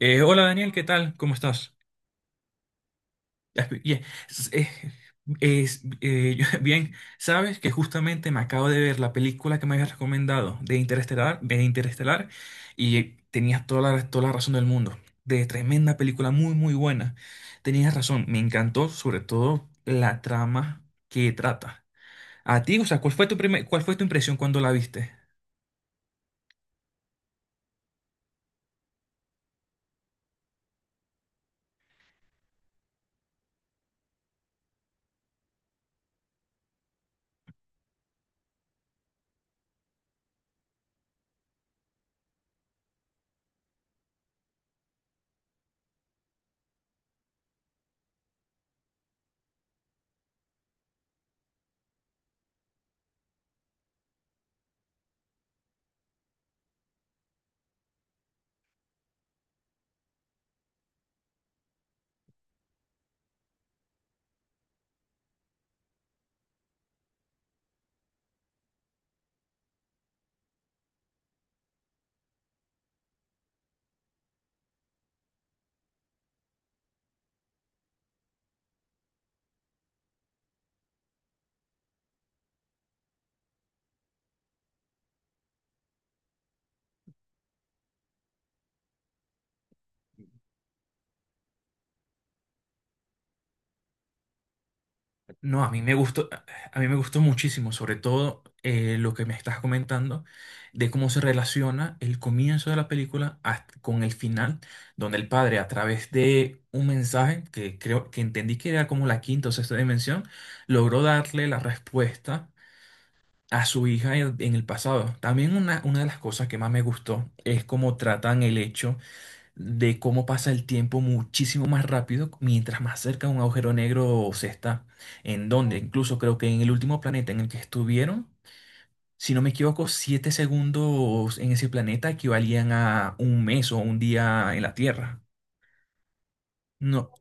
Hola Daniel, ¿qué tal? ¿Cómo estás? Ya, bien. s- eh, bien, sabes que justamente me acabo de ver la película que me habías recomendado de Interestelar, y tenías toda la razón del mundo. De tremenda película, muy, muy buena. Tenías razón, me encantó sobre todo la trama que trata. A ti, o sea, cuál fue tu impresión cuando la viste? No, a mí me gustó muchísimo, sobre todo lo que me estás comentando de cómo se relaciona el comienzo de la película con el final, donde el padre, a través de un mensaje que creo que entendí que era como la quinta o sexta dimensión, logró darle la respuesta a su hija en el pasado. También una de las cosas que más me gustó es cómo tratan el hecho de cómo pasa el tiempo muchísimo más rápido mientras más cerca de un agujero negro se está. En donde, incluso creo que en el último planeta en el que estuvieron, si no me equivoco, 7 segundos en ese planeta equivalían a un mes o un día en la Tierra. No.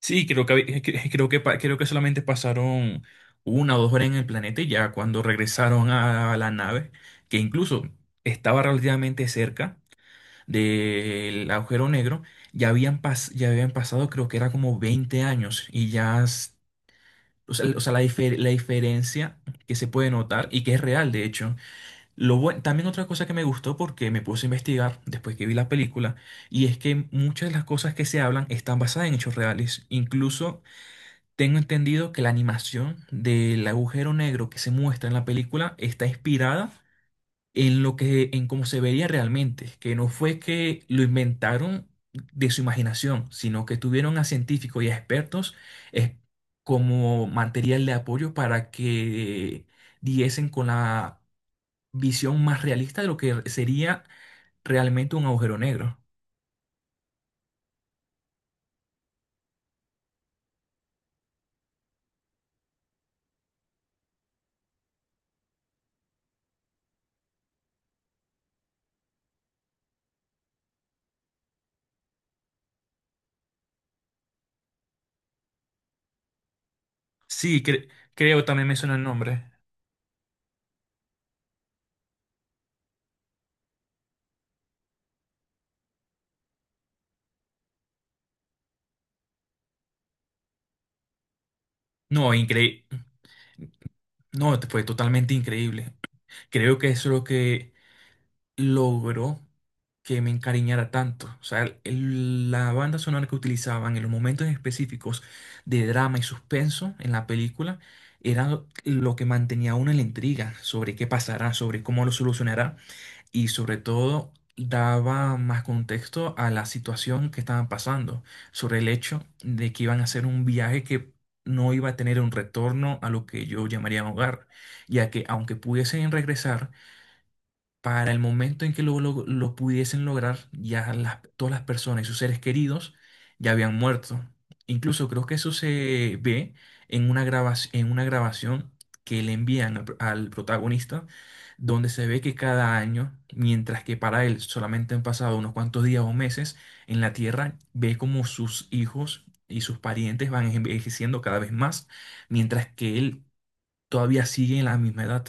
Sí, creo que, había- cre- creo que, pa- creo que solamente pasaron 1 o 2 horas en el planeta y ya cuando regresaron a la nave, que incluso estaba relativamente cerca del agujero negro, ya habían pasado, creo que era como 20 años. Y ya, o sea, la diferencia que se puede notar y que es real, de hecho. También otra cosa que me gustó, porque me puse a investigar después que vi la película, y es que muchas de las cosas que se hablan están basadas en hechos reales. Incluso tengo entendido que la animación del agujero negro que se muestra en la película está inspirada en cómo se veía realmente, que no fue que lo inventaron de su imaginación, sino que tuvieron a científicos y a expertos eh, como material de apoyo para que diesen con la visión más realista de lo que sería realmente un agujero negro. Sí, creo también me suena el nombre. No, increíble. No, fue totalmente increíble. Creo que eso es lo que logró que me encariñara tanto. O sea, la banda sonora que utilizaban en los momentos específicos de drama y suspenso en la película era lo que mantenía a uno en la intriga sobre qué pasará, sobre cómo lo solucionará, y sobre todo daba más contexto a la situación que estaban pasando, sobre el hecho de que iban a hacer un viaje que no iba a tener un retorno a lo que yo llamaría hogar, ya que aunque pudiesen regresar, para el momento en que lo pudiesen lograr, ya todas las personas y sus seres queridos ya habían muerto. Incluso creo que eso se ve en una grabación que le envían al protagonista, donde se ve que cada año, mientras que para él solamente han pasado unos cuantos días o meses en la Tierra, ve como sus hijos y sus parientes van envejeciendo cada vez más, mientras que él todavía sigue en la misma edad.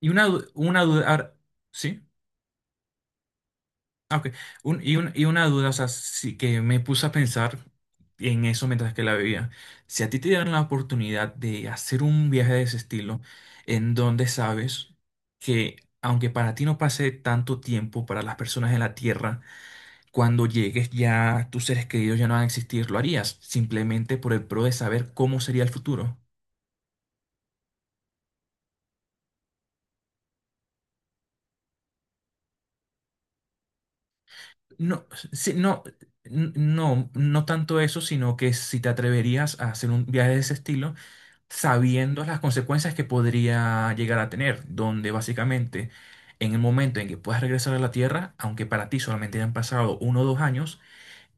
Y una duda, ¿sí? Ah, ok. Una duda, o sea, sí, que me puse a pensar en eso mientras que la veía. Si a ti te dieran la oportunidad de hacer un viaje de ese estilo, en donde sabes que aunque para ti no pase tanto tiempo, para las personas en la Tierra, cuando llegues ya tus seres queridos ya no van a existir, ¿lo harías simplemente por el pro de saber cómo sería el futuro? No, sí, no. No tanto eso, sino que si te atreverías a hacer un viaje de ese estilo sabiendo las consecuencias que podría llegar a tener, donde básicamente en el momento en que puedas regresar a la Tierra, aunque para ti solamente hayan pasado 1 o 2 años,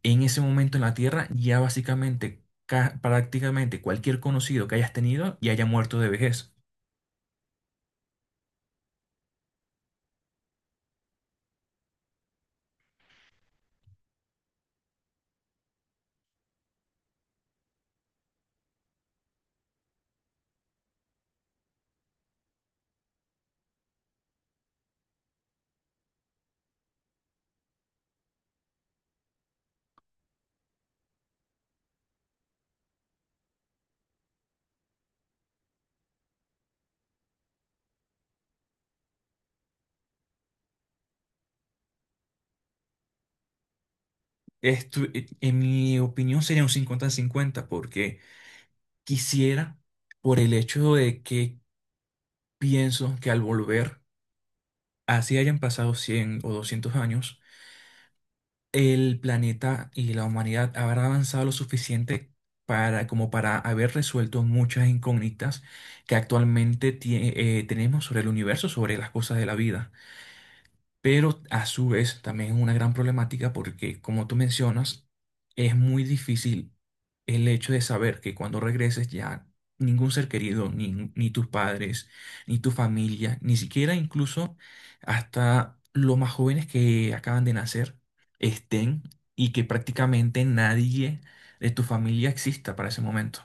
en ese momento en la Tierra ya básicamente prácticamente cualquier conocido que hayas tenido ya haya muerto de vejez. Esto, en mi opinión, sería un 50-50, porque quisiera, por el hecho de que pienso que al volver, así hayan pasado 100 o 200 años, el planeta y la humanidad habrá avanzado lo suficiente para, como para haber resuelto muchas incógnitas que actualmente tenemos sobre el universo, sobre las cosas de la vida. Pero a su vez también es una gran problemática porque, como tú mencionas, es muy difícil el hecho de saber que cuando regreses ya ningún ser querido, ni tus padres, ni tu familia, ni siquiera incluso hasta los más jóvenes que acaban de nacer estén, y que prácticamente nadie de tu familia exista para ese momento.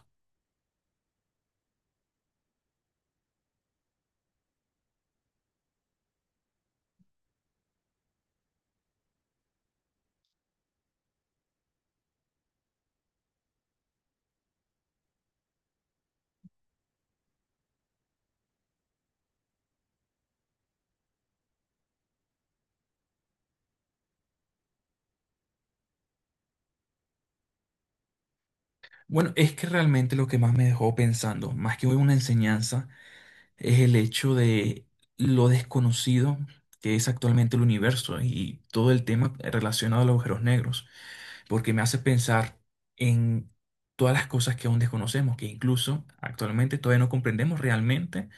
Bueno, es que realmente lo que más me dejó pensando, más que una enseñanza, es el hecho de lo desconocido que es actualmente el universo y todo el tema relacionado a los agujeros negros, porque me hace pensar en todas las cosas que aún desconocemos, que incluso actualmente todavía no comprendemos realmente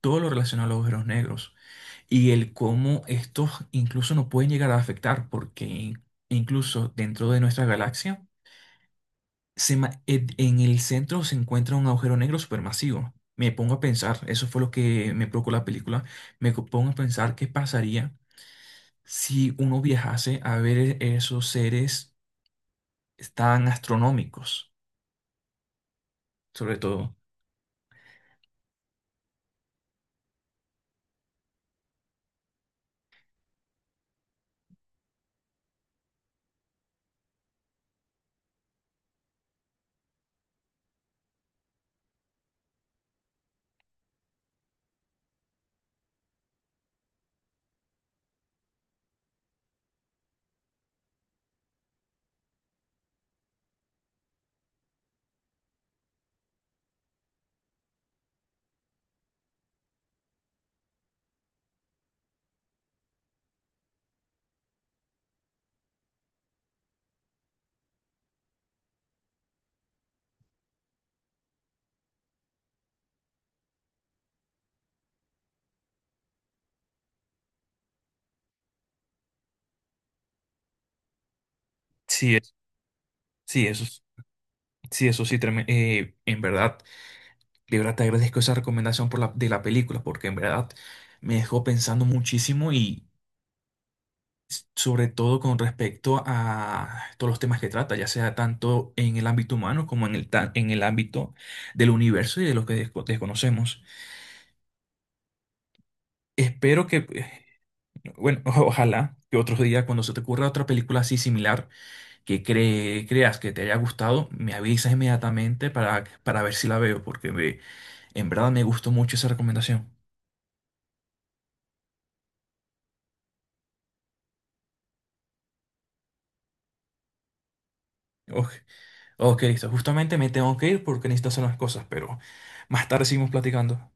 todo lo relacionado a los agujeros negros y el cómo estos incluso nos pueden llegar a afectar, porque incluso dentro de nuestra galaxia, en el centro se encuentra un agujero negro supermasivo. Me pongo a pensar, eso fue lo que me provocó la película, pongo a pensar qué pasaría si uno viajase a ver esos seres tan astronómicos, sobre todo. Sí, sí, sí, eso sí. En verdad, de verdad te agradezco esa recomendación por de la película, porque en verdad me dejó pensando muchísimo sobre todo con respecto a todos los temas que trata, ya sea tanto en el ámbito humano como en en el ámbito del universo y de lo que desconocemos. Espero que, bueno, ojalá que otros días cuando se te ocurra otra película así similar que creas que te haya gustado, me avisas inmediatamente para ver si la veo, porque en verdad me gustó mucho esa recomendación. Ok, ok, listo. Justamente me tengo que ir porque necesito hacer unas cosas, pero más tarde seguimos platicando.